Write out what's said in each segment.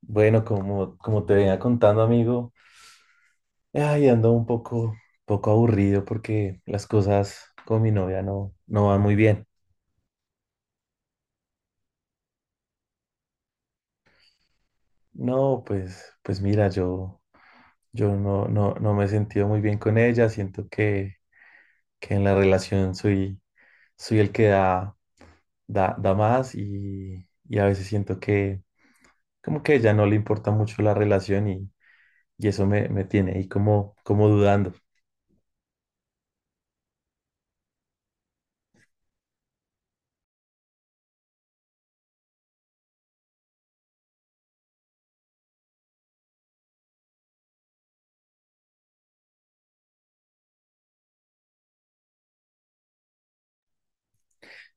Bueno, como te venía contando, amigo, ay, ando poco aburrido porque las cosas con mi novia no van muy bien. No, pues mira, yo no, no me he sentido muy bien con ella. Siento que en la relación soy el que da más y a veces siento que como que a ella no le importa mucho la relación y eso me tiene ahí como dudando.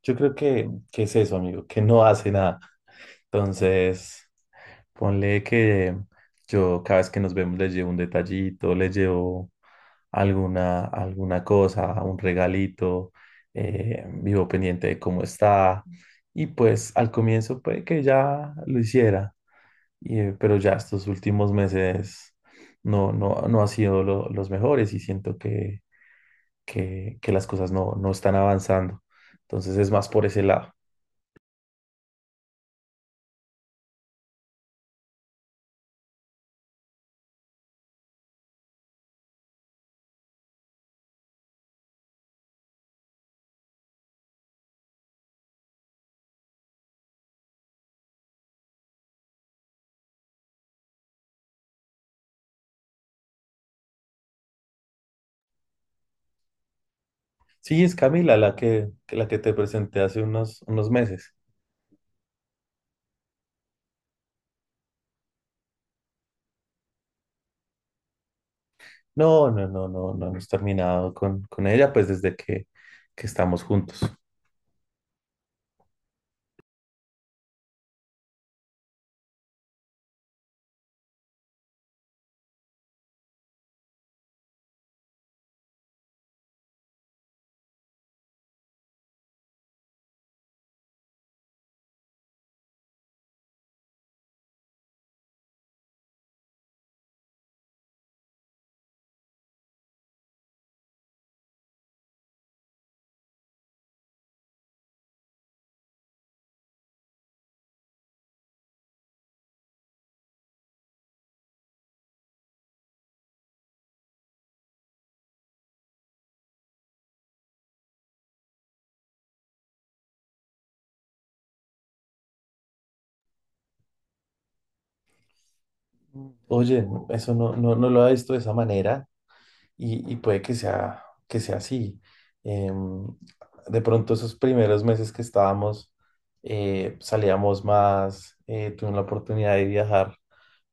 Yo creo que es eso, amigo, que no hace nada. Entonces… Ponle que yo cada vez que nos vemos les llevo un detallito, les llevo alguna cosa, un regalito, vivo pendiente de cómo está. Y pues al comienzo puede que ya lo hiciera, y, pero ya estos últimos meses no han sido los mejores y siento que las cosas no están avanzando. Entonces es más por ese lado. Sí, es Camila la que te presenté hace unos meses. No, no, no, no, no hemos terminado con ella, pues desde que estamos juntos. Oye, eso no, no lo había visto de esa manera. Y, puede que sea así. Em, de pronto esos primeros meses que estábamos, salíamos más, tuvimos la oportunidad de viajar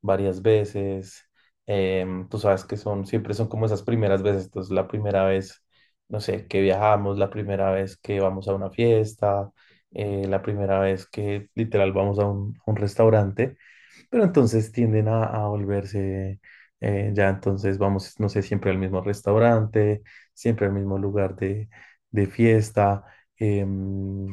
varias veces. Tú sabes que son, siempre son como esas primeras veces, entonces la primera vez, no sé, que viajamos, la primera vez que vamos a una fiesta, la primera vez que literal vamos a un restaurante. Pero entonces tienden a volverse, ya entonces vamos, no sé, siempre al mismo restaurante, siempre al mismo lugar de fiesta. em,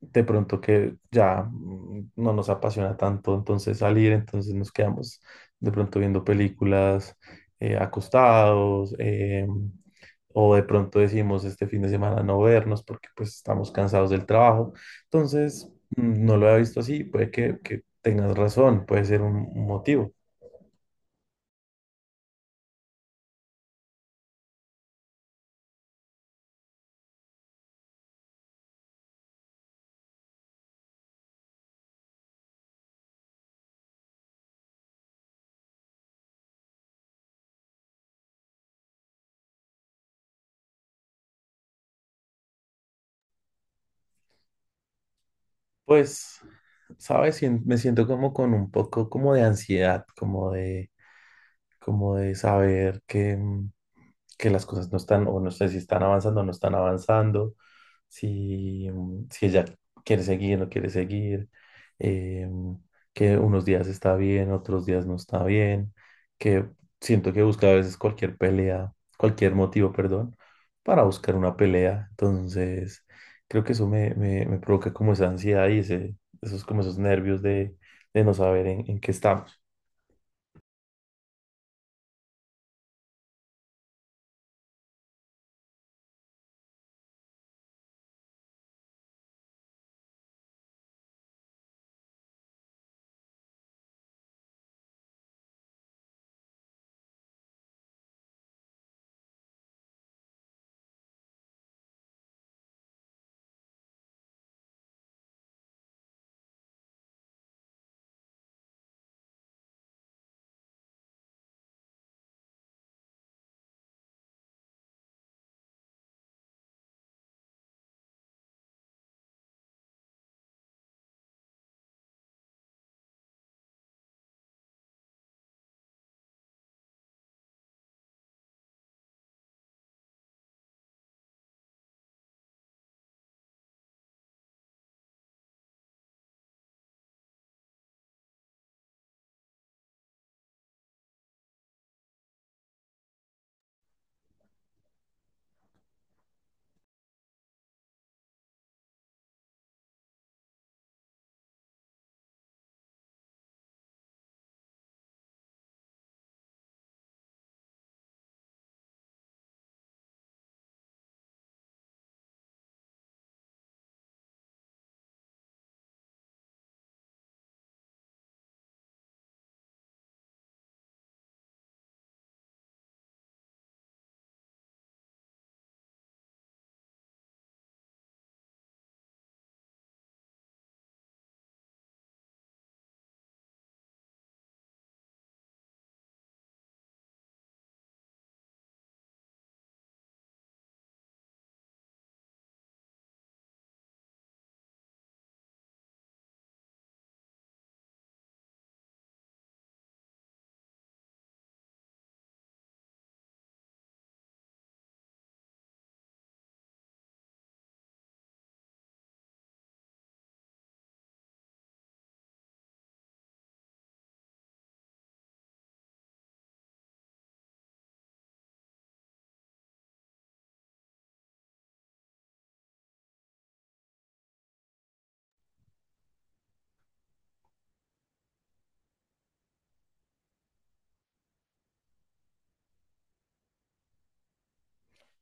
de pronto que ya no nos apasiona tanto entonces salir, entonces nos quedamos de pronto viendo películas acostados, o de pronto decimos este fin de semana no vernos porque pues estamos cansados del trabajo. Entonces, no lo había visto así, puede que tengas razón, puede ser un motivo. Pues, sabes, me siento como con un poco como de ansiedad, como de saber que, que las cosas no están, o no sé si están avanzando o no están avanzando, si, si ella quiere seguir o no quiere seguir, eh, que unos días está bien, otros días no está bien, que siento que busca a veces cualquier pelea, cualquier motivo, perdón, para buscar una pelea. Entonces, creo que eso me provoca como esa ansiedad y como esos nervios de no saber en qué estamos.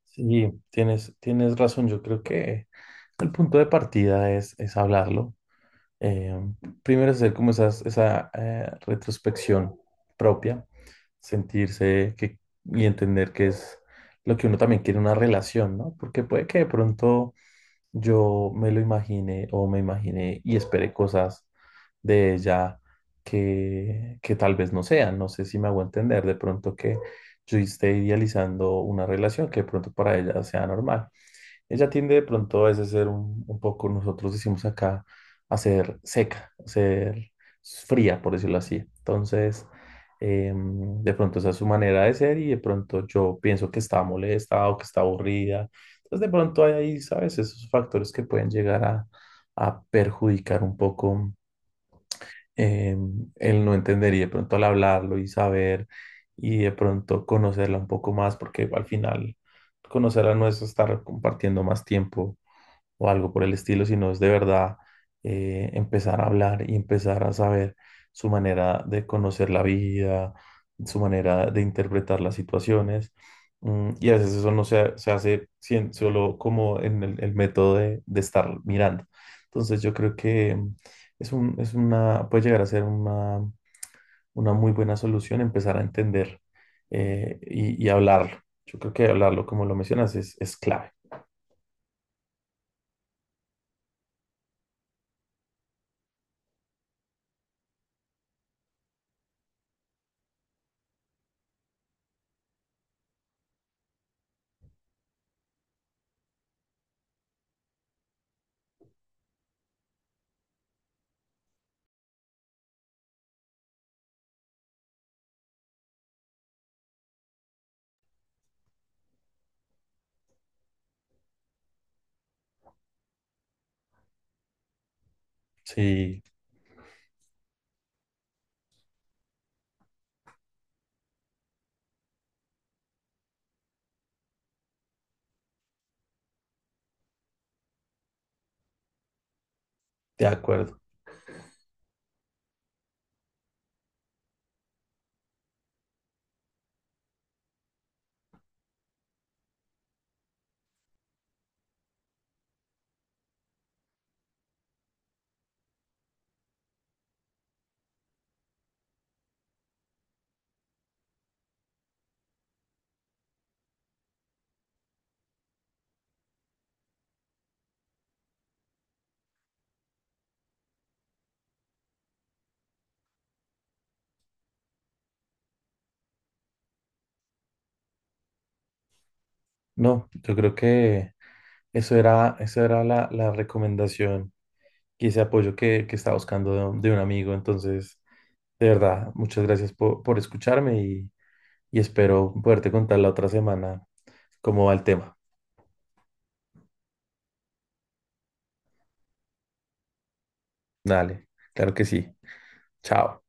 Sí, tienes razón. Yo creo que el punto de partida es hablarlo. Eh, Primero hacer como esas- esa retrospección propia, sentirse que, y entender que es lo que uno también quiere en una relación, ¿no? Porque puede que de pronto yo me lo imaginé o me imaginé y esperé cosas de ella que tal vez no sean. No sé si me hago entender de pronto que yo esté idealizando una relación que de pronto para ella sea normal. Ella tiende de pronto a veces a ser un poco, nosotros decimos acá, a ser seca, a ser fría, por decirlo así. Entonces, de pronto esa es su manera de ser y de pronto yo pienso que está molesta o que está aburrida. Entonces, de pronto hay ahí, ¿sabes? Esos factores que pueden llegar a perjudicar un poco, el no entender y de pronto al hablarlo y saber y de pronto conocerla un poco más, porque al final conocerla no es estar compartiendo más tiempo o algo por el estilo, sino es de verdad empezar a hablar y empezar a saber su manera de conocer la vida, su manera de interpretar las situaciones. Y a veces eso no se hace solo como en el método de estar mirando. Entonces yo creo que es un, es una, puede llegar a ser una muy buena solución empezar a entender, y, hablarlo. Yo creo que hablarlo, como lo mencionas, es clave. Sí, de acuerdo. No, yo creo que eso era la recomendación y ese apoyo que estaba buscando de un amigo. Entonces, de verdad, muchas gracias por escucharme y, espero poderte contar la otra semana cómo va el tema. Dale, claro que sí. Chao.